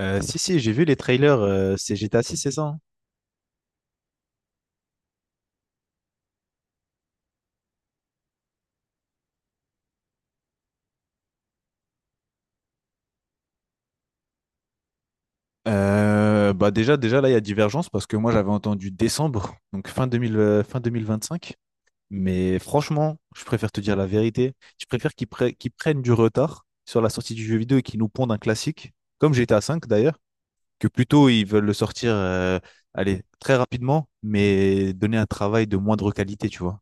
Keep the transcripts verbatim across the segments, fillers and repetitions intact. Euh, si, si, j'ai vu les trailers, euh, c'est G T A six, c'est ça? Hein. Euh, bah déjà, déjà là, il y a divergence parce que moi j'avais entendu décembre, donc fin deux mille, euh, fin deux mille vingt cinq. Mais franchement, je préfère te dire la vérité. Je préfère qu'ils pre- qu'ils prennent du retard sur la sortie du jeu vidéo et qu'ils nous pondent un classique, comme G T A cinq d'ailleurs, que plutôt ils veulent le sortir, euh, allez, très rapidement, mais donner un travail de moindre qualité, tu vois.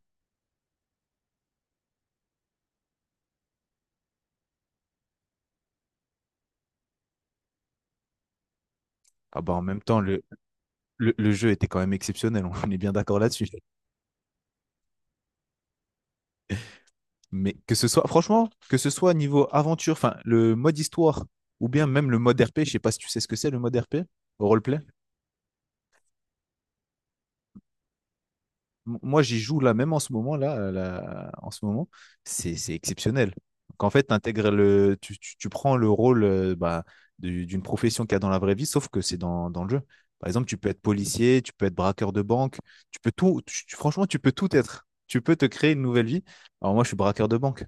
Ah bah en même temps, le, le, le jeu était quand même exceptionnel, on est bien d'accord là-dessus. Mais que ce soit, franchement, que ce soit niveau aventure, enfin, le mode histoire, ou bien même le mode R P, je sais pas si tu sais ce que c'est le mode R P, au roleplay. M- Moi, j'y joue là, même en ce moment, là, là, en ce moment, c'est c'est exceptionnel. Donc, en fait, t'intègres le, tu, tu- tu prends le rôle euh, bah, du- d'une profession qu'il y a dans la vraie vie, sauf que c'est dans, dans le jeu. Par exemple, tu peux être policier, tu peux être braqueur de banque, tu peux tout, tu- tu- franchement, tu peux tout être. Tu peux te créer une nouvelle vie. Alors moi, je suis braqueur de banque.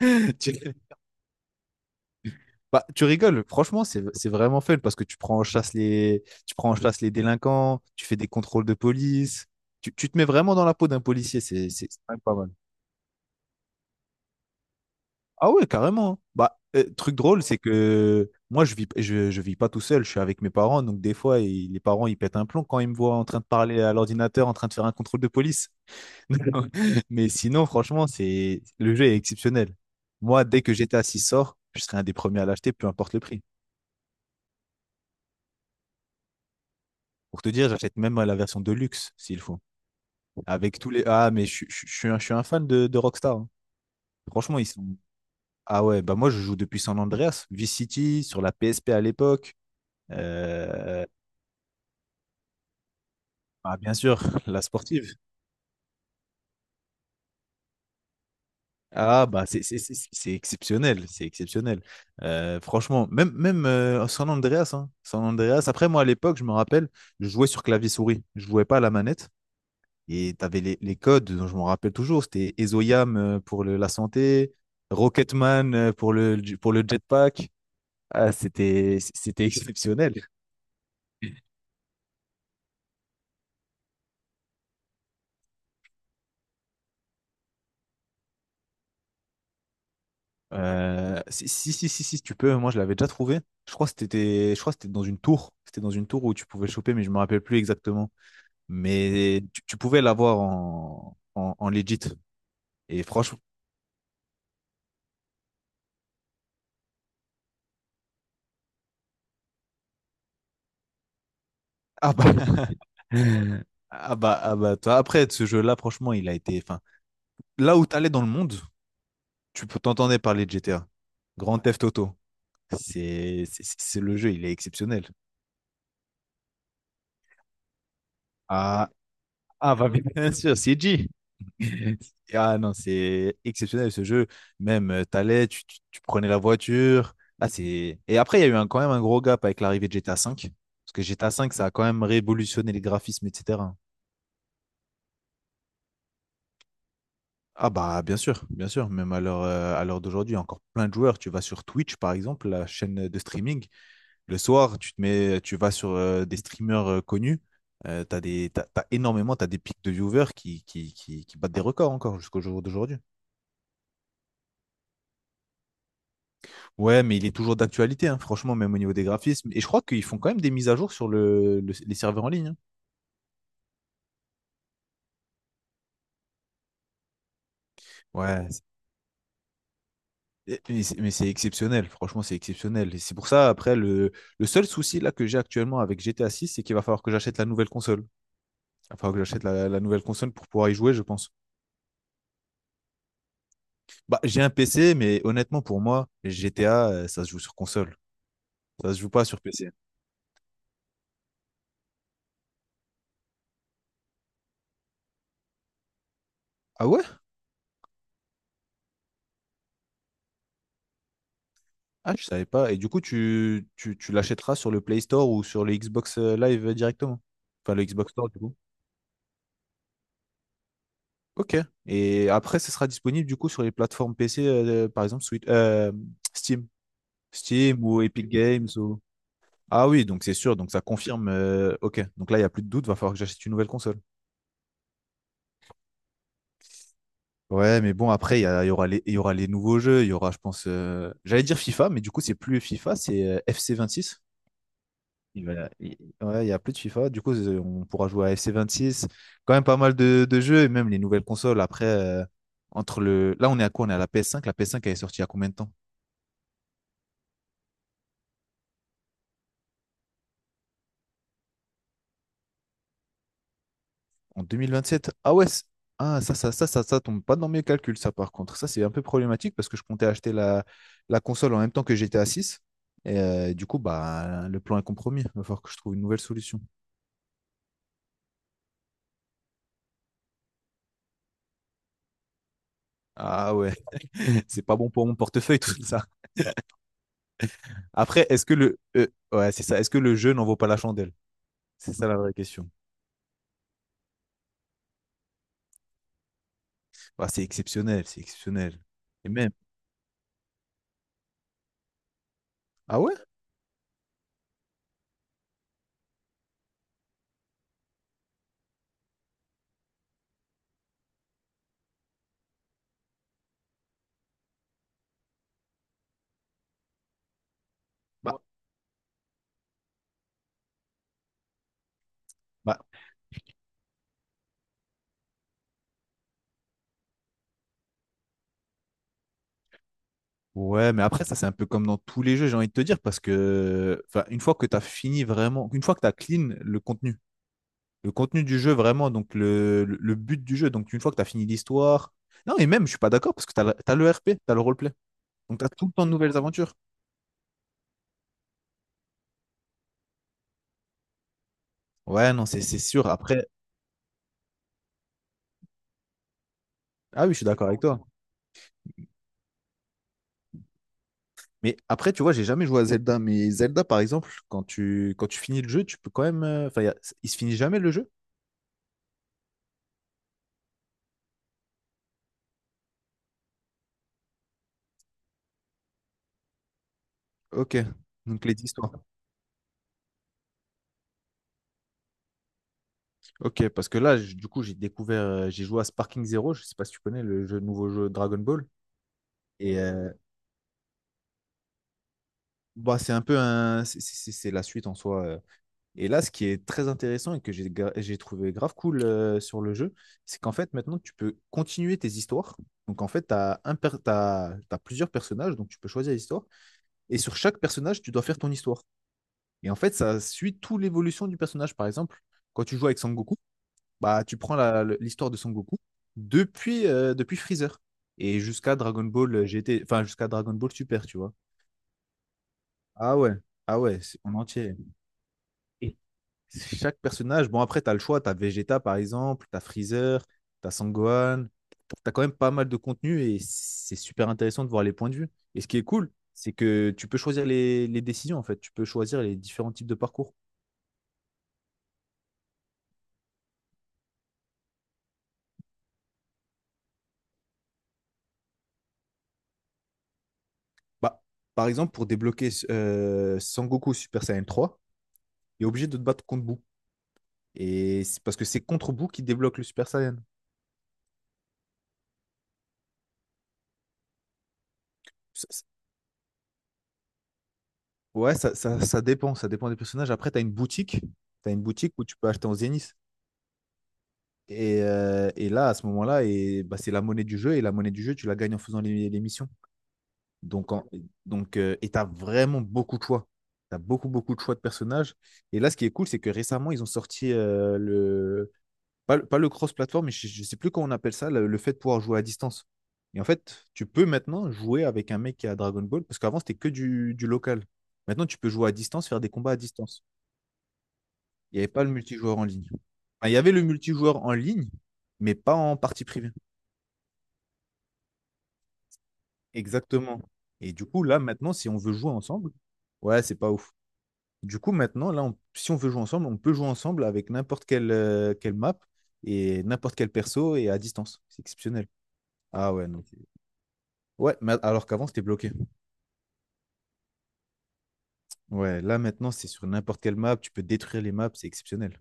Tu- Bah, tu rigoles, franchement, c'est, c'est vraiment fun parce que tu prends en chasse les, tu prends en chasse les délinquants, tu fais des contrôles de police, tu, tu te mets vraiment dans la peau d'un policier, c'est c'est- c'est quand même pas mal. Ah ouais, carrément. Hein. Bah, euh, truc drôle, c'est que moi, je vis, je, je vis pas tout seul, je suis avec mes parents, donc des fois, ils- les parents, ils pètent un plomb quand ils me voient en train de parler à l'ordinateur, en train de faire un contrôle de police. Mais sinon, franchement, c'est, le jeu est exceptionnel. Moi, dès que G T A six sort, je serai un des premiers à l'acheter, peu importe le prix. Pour te dire, j'achète même la version de luxe, s'il faut. Avec tous les. Ah, mais je, je- je suis, un, je suis un fan de, de Rockstar. Hein. Franchement, ils sont. Ah ouais, bah moi, je joue depuis San Andreas, Vice City, sur la P S P à l'époque. Euh, Bah, bien sûr, la sportive. Ah, bah, c'est c'est- c'est- c'est exceptionnel. C'est exceptionnel. Euh, franchement, même, même euh, San Andreas. Hein, San Andreas. Après, moi, à l'époque, je me rappelle, je jouais sur clavier-souris. Je jouais pas à la manette. Et tu avais les, les codes dont je me rappelle toujours. C'était Ezoyam euh, pour le- la santé, Rocketman euh, pour le, pour le jetpack. Ah, c'était, c'était exceptionnel. Euh, si, si, si, si, si, si tu peux, moi je l'avais déjà trouvé. Je crois que c'était, je crois que c'était dans une tour. C'était dans une tour où tu pouvais le choper, mais je me rappelle plus exactement. Mais tu, tu pouvais l'avoir en, en, en legit. Et franchement, ah bah, ah bah, ah bah, toi, après, ce jeu-là, franchement, il a été, enfin, là où t'allais dans le monde, tu peux t'entendre parler de G T A. Grand Theft Auto. C'est c'est- c'est le jeu, il est exceptionnel. Ah, ah bah bien sûr, C G. Ah non, c'est exceptionnel ce jeu. Même, euh, t'allais, tu, tu, tu prenais la voiture. Ah, c'est... Et après, il y a eu un, quand même un gros gap avec l'arrivée de G T A cinq. Parce que G T A cinq, ça a quand même révolutionné les graphismes, et cetera. Ah bah bien sûr, bien sûr. Même à l'heure, euh, à l'heure d'aujourd'hui, il y a encore plein de joueurs. Tu vas sur Twitch, par exemple, la chaîne de streaming. Le soir, tu te mets, tu vas sur euh, des streamers euh, connus. Euh, t'as des, t'as, t'as énormément, t'as des pics de viewers qui, qui, qui, qui battent des records encore jusqu'au jour d'aujourd'hui. Ouais, mais il est toujours d'actualité, hein, franchement, même au niveau des graphismes. Et je crois qu'ils font quand même des mises à jour sur le, le- les serveurs en ligne. Hein. Ouais, c'est- et- mais c'est mais c'est exceptionnel, franchement, c'est exceptionnel. Et c'est pour ça, après, le, le seul souci là que j'ai actuellement avec G T A six, c'est qu'il va falloir que j'achète la nouvelle console. Il va falloir que j'achète la la nouvelle console pour pouvoir y jouer, je pense. Bah, j'ai un P C, mais honnêtement, pour moi, G T A, euh, ça se joue sur console. Ça se joue pas sur P C. Ah ouais? Ah, je savais pas. Et du coup, tu, tu, tu l'achèteras sur le Play Store ou sur le Xbox euh, Live euh, directement. Enfin, le Xbox Store, du coup. Ok. Et après, ce sera disponible, du coup, sur les plateformes P C, euh, par exemple, Switch- euh, Steam. Steam ou Epic Games ou... Ah oui, donc c'est sûr. Donc ça confirme. Euh, ok. Donc là, il n'y a plus de doute. Va falloir que j'achète une nouvelle console. Ouais, mais bon, après, il y, a- il y aura les, il y aura les nouveaux jeux. Il y aura, je pense, euh, j'allais dire FIFA, mais du coup, c'est plus FIFA, c'est euh, F C vingt-six. Il va- il- ouais, il y a plus de FIFA. Du coup, c'est- on pourra jouer à F C vingt-six. Quand même pas mal de, de jeux, et même les nouvelles consoles. Après, euh, entre le. Là, on est à quoi? On est à la P S cinq. La P S cinq, elle est sortie il y a combien de temps? En deux mille vingt-sept? Ah ouais, c'est- ah, ça, ça, ça, ça, ça tombe pas dans mes calculs, ça, par contre. Ça, c'est un peu problématique parce que je comptais acheter la, la console en même temps que j'étais à six. Et euh, du coup, bah, le plan est compromis. Il va falloir que je trouve une nouvelle solution. Ah ouais, c'est pas bon pour mon portefeuille tout ça. Après, est-ce que le euh, ouais, c'est ça, est-ce que le jeu n'en vaut pas la chandelle? C'est ça la vraie question. Bah, c'est exceptionnel, c'est exceptionnel. Et même. Ah ouais? Bah. Ouais. Bah ouais, mais après ça c'est un peu comme dans tous les jeux, j'ai envie de te dire parce que enfin une fois que tu as fini vraiment, une fois que tu as clean le contenu, le contenu du jeu vraiment donc le, le, le but du jeu, donc une fois que tu as fini l'histoire. Non, et même je suis pas d'accord parce que tu as, t'as le R P, tu as le roleplay. Donc tu as tout le temps de nouvelles aventures. Ouais, non, c'est c'est sûr. Après, ah oui, je suis d'accord avec toi. Mais après, tu vois, j'ai jamais joué à Zelda. Mais Zelda, par exemple, quand tu, quand tu finis le jeu, tu peux quand même. euh, Enfin, il y a- il se finit jamais le jeu? Ok. Donc les histoires. Ok, parce que là, j- du coup, j'ai découvert, euh, j'ai joué à Sparking Zero. Je sais pas si tu connais le jeu, nouveau jeu Dragon Ball. Et euh, bah, c'est un peu un, c'est c'est- c'est- c'est la suite en soi. euh. Et là, ce qui est très intéressant et que j'ai gra- j'ai trouvé grave cool euh, sur le jeu, c'est qu'en fait, maintenant, tu peux continuer tes histoires. Donc en fait, tu as, un per- t'as- t'as plusieurs personnages, donc tu peux choisir l'histoire. Et sur chaque personnage, tu dois faire ton histoire. Et en fait, ça suit toute l'évolution du personnage. Par exemple, quand tu joues avec Sangoku, bah, tu prends la- l'histoire de Sangoku depuis, euh, depuis Freezer et jusqu'à Dragon Ball G T, enfin jusqu'à Dragon Ball Super, tu vois. Ah ouais, ah ouais, c'est en entier. Et chaque personnage, bon après, t'as le choix, t'as Vegeta par exemple, t'as Freezer, t'as as Sangohan, tu quand même pas mal de contenu et c'est super intéressant de voir les points de vue. Et ce qui est cool, c'est que tu peux choisir les, les décisions en fait, tu peux choisir les différents types de parcours. Bah, par exemple, pour débloquer euh, Sangoku Super Saiyan trois, il est obligé de te battre contre Boo. Et c'est parce que c'est contre Boo qui débloque le Super Saiyan. Ça- ça- ouais, ça, ça, ça dépend, ça dépend des personnages. Après, tu as une boutique, tu une boutique où tu peux acheter en Zenith. Et, euh, et là, à ce moment-là, et, bah, c'est la monnaie du jeu. Et la monnaie du jeu, tu la gagnes en faisant les, les missions. Donc, en- donc, euh, et tu as vraiment beaucoup de choix. Tu as beaucoup, beaucoup de choix de personnages. Et là, ce qui est cool, c'est que récemment, ils ont sorti euh, le, pas, le- pas le cross-platform, mais je ne sais plus comment on appelle ça, le, le fait de pouvoir jouer à distance. Et en fait, tu peux maintenant jouer avec un mec qui a Dragon Ball, parce qu'avant, c'était que du, du local. Maintenant, tu peux jouer à distance, faire des combats à distance. Il n'y avait pas le multijoueur en ligne. Enfin, il y avait le multijoueur en ligne, mais pas en partie privée. Exactement. Et du coup, là, maintenant, si on veut jouer ensemble, ouais, c'est pas ouf. Du coup, maintenant, là, on- si on veut jouer ensemble, on peut jouer ensemble avec n'importe quelle, euh, quelle map et n'importe quel perso et à distance. C'est exceptionnel. Ah ouais, non. Ouais, mais alors qu'avant, c'était bloqué. Ouais, là, maintenant, c'est sur n'importe quelle map. Tu peux détruire les maps, c'est exceptionnel.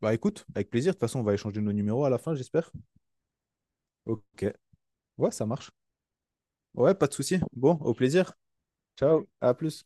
Bah écoute, avec plaisir. De toute façon, on va échanger nos numéros à la fin, j'espère. Ok. Ouais, ça marche. Ouais, pas de souci. Bon, au plaisir. Ciao, à plus.